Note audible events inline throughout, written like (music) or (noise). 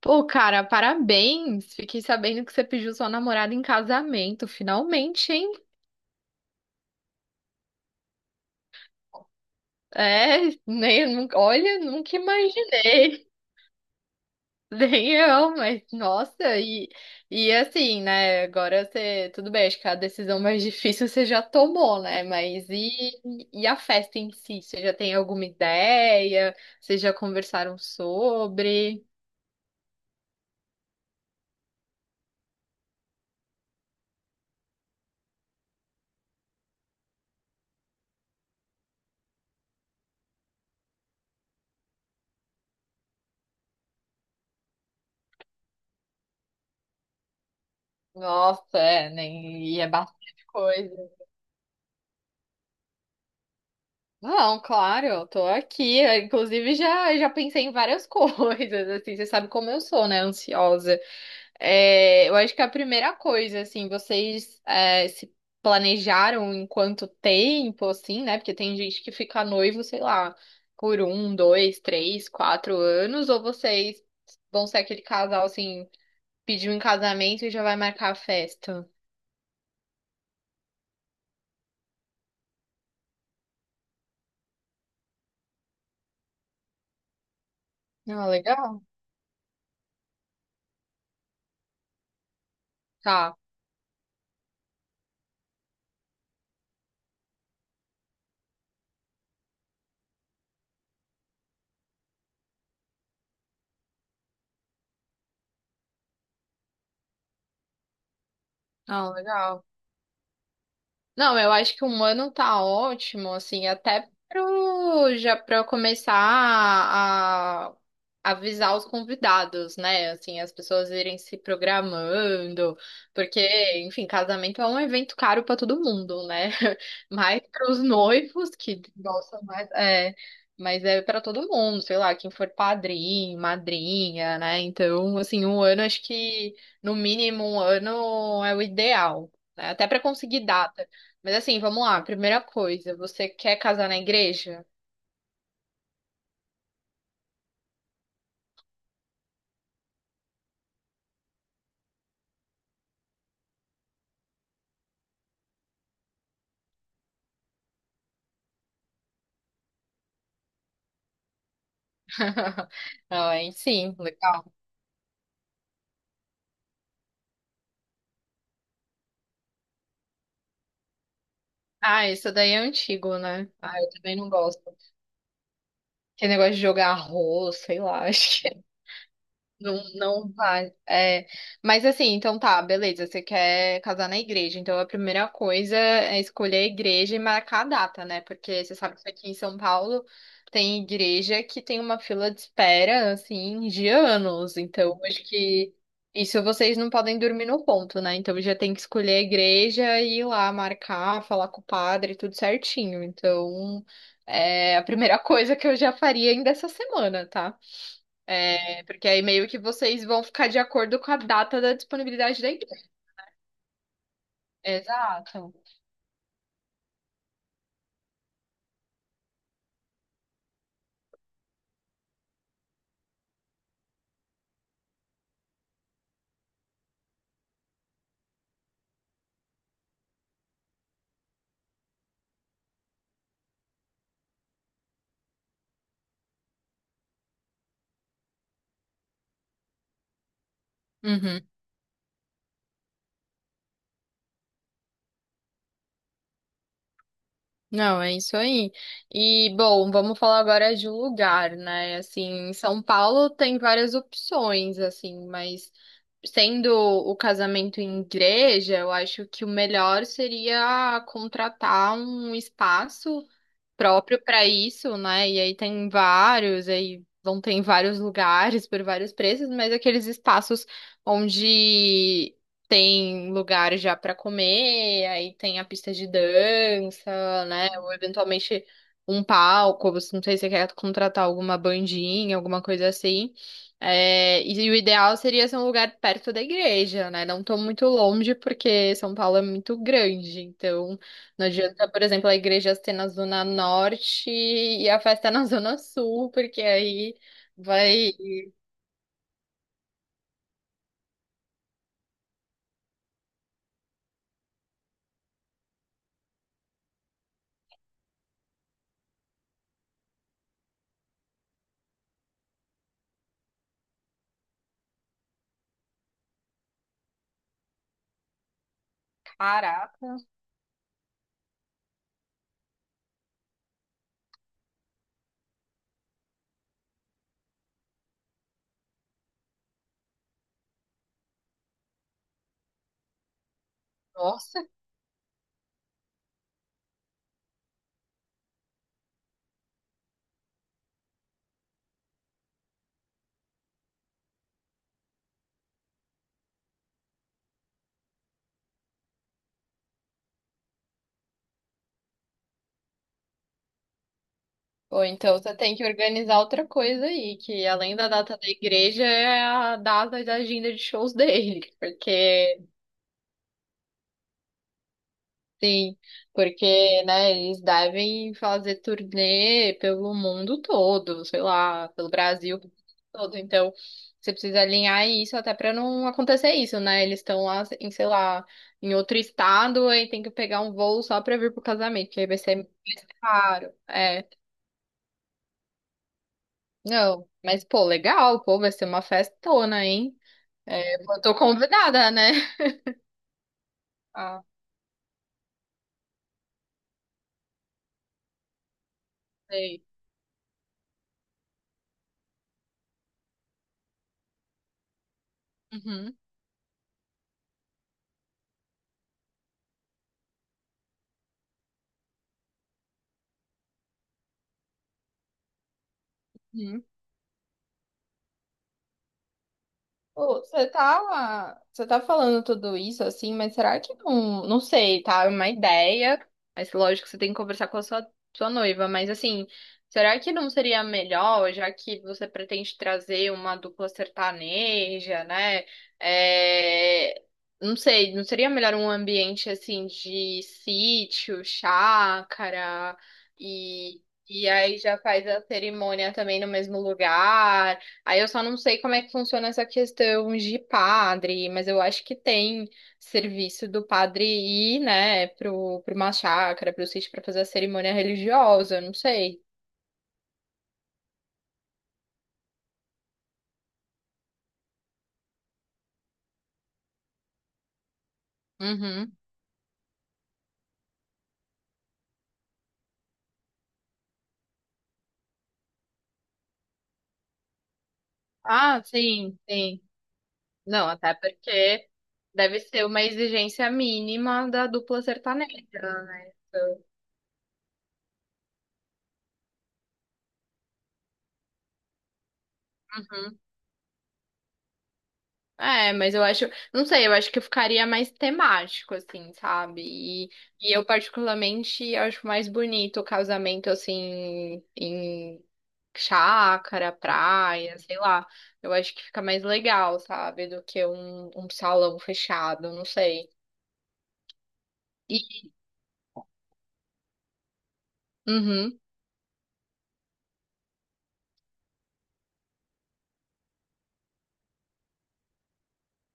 Pô, cara, parabéns! Fiquei sabendo que você pediu sua namorada em casamento, finalmente, hein? É, nem, olha, nunca imaginei. (laughs) Nem eu, mas nossa, e assim, né? Agora você, tudo bem, acho que a decisão mais difícil você já tomou, né? Mas e a festa em si? Você já tem alguma ideia? Vocês já conversaram sobre? Nossa, é, nem, e é bastante coisa. Não, claro, eu tô aqui. Eu, inclusive, já pensei em várias (laughs) coisas, assim, você sabe como eu sou, né? Ansiosa. É, eu acho que a primeira coisa, assim, vocês se planejaram em quanto tempo, assim, né? Porque tem gente que fica noivo, sei lá, por um, 2, 3, 4 anos, ou vocês vão ser aquele casal, assim, pediu em casamento e já vai marcar a festa. Ah, legal. Tá. Ah, legal. Não, eu acho que um ano tá ótimo, assim, até já para eu começar a avisar os convidados, né? Assim, as pessoas irem se programando, porque, enfim, casamento é um evento caro para todo mundo, né? (laughs) Mais para os noivos que gostam mais, é, mas é para todo mundo, sei lá, quem for padrinho, madrinha, né? Então, assim, um ano acho que no mínimo um ano é o ideal, né? Até para conseguir data. Mas assim, vamos lá. Primeira coisa, você quer casar na igreja? (laughs) Ai, sim, legal. Ah, isso daí é antigo, né? Ah, eu também não gosto. Que negócio de jogar arroz, sei lá, (laughs) acho. Não, não vai. É, mas assim, então tá, beleza. Você quer casar na igreja. Então a primeira coisa é escolher a igreja e marcar a data, né? Porque você sabe que aqui em São Paulo tem igreja que tem uma fila de espera, assim, de anos. Então acho que isso vocês não podem dormir no ponto, né? Então já tem que escolher a igreja e ir lá marcar, falar com o padre, tudo certinho. Então é a primeira (laughs) coisa que eu já faria ainda essa semana, tá? É, porque aí meio que vocês vão ficar de acordo com a data da disponibilidade da igreja. Exato. Uhum. Não, é isso aí. E, bom, vamos falar agora de lugar, né? Assim, em São Paulo tem várias opções, assim, mas sendo o casamento em igreja, eu acho que o melhor seria contratar um espaço próprio para isso, né? E aí tem vários, aí vão ter em vários lugares por vários preços, mas aqueles espaços onde tem lugar já para comer, aí tem a pista de dança, né? Ou eventualmente um palco, você não sei se você quer contratar alguma bandinha, alguma coisa assim. É, e o ideal seria ser um lugar perto da igreja, né? Não tô muito longe, porque São Paulo é muito grande, então não adianta, por exemplo, a igreja ser na Zona Norte e a festa é na (laughs) Zona Sul, porque aí vai. Caraca, nossa. Ou então você tem que organizar outra coisa aí, que além da data da igreja é a data da agenda de shows dele, porque sim, porque, né, eles devem fazer turnê pelo mundo todo, sei lá, pelo Brasil todo. Então, você precisa alinhar isso até para não acontecer isso, né? Eles estão lá em, sei lá, em outro estado e tem que pegar um voo só para vir pro casamento, que aí vai ser mais caro. É, não, mas pô, legal, pô, vai ser uma festona, hein? É, eu tô convidada, né? (laughs) Ah, sei. Uhum. Uhum. Ô, você tá, você tá falando tudo isso assim, mas será que não, não sei, tá? É uma ideia, mas lógico que você tem que conversar com a sua, sua noiva, mas assim, será que não seria melhor, já que você pretende trazer uma dupla sertaneja, né? É, não sei, não seria melhor um ambiente assim de sítio, chácara e. E aí já faz a cerimônia também no mesmo lugar. Aí eu só não sei como é que funciona essa questão de padre, mas eu acho que tem serviço do padre ir, né, pro, uma chácara, pro sítio pra fazer a cerimônia religiosa, eu não sei. Uhum. Ah, sim, sim. Não, até porque deve ser uma exigência mínima da dupla sertaneja, né? Então, uhum. É, mas eu acho, não sei, eu acho que eu ficaria mais temático, assim, sabe? E eu particularmente acho mais bonito o casamento, assim, em chácara, praia, sei lá. Eu acho que fica mais legal, sabe? Do que um salão fechado, não sei. E, uhum.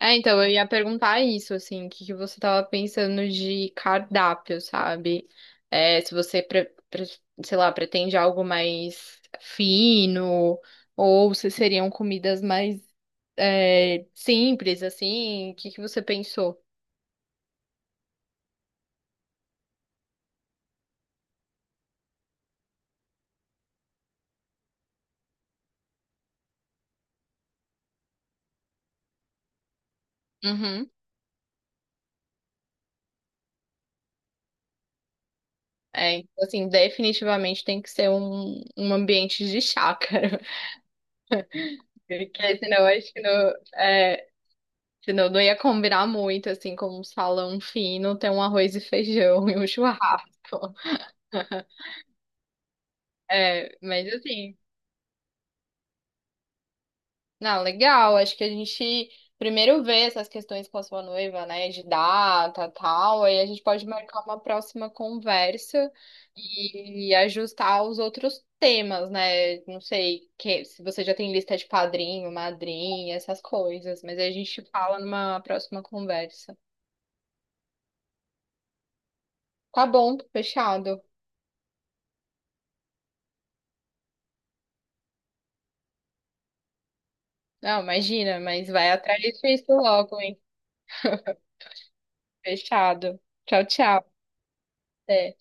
É, então, eu ia perguntar isso, assim, o que que você tava pensando de cardápio, sabe? É, se você, sei lá, pretende algo mais fino, ou se seriam comidas mais, é, simples, assim, o que que você pensou? Uhum. É, então, assim, definitivamente tem que ser um, um ambiente de chácara, (laughs) porque senão acho que não. Senão não ia combinar muito, assim, com um salão fino, ter um arroz e feijão (laughs) e um churrasco. É, mas assim, não, legal. Acho que a gente primeiro vê essas questões com a sua noiva, né, de data, tal. Aí a gente pode marcar uma próxima conversa e ajustar os outros temas, né? Não sei que, se você já tem lista de padrinho, madrinha, essas coisas. Mas aí a gente fala numa próxima conversa. Tá bom, fechado. Não, imagina, mas vai atrás disso logo, hein? Fechado. Tchau, tchau. Até.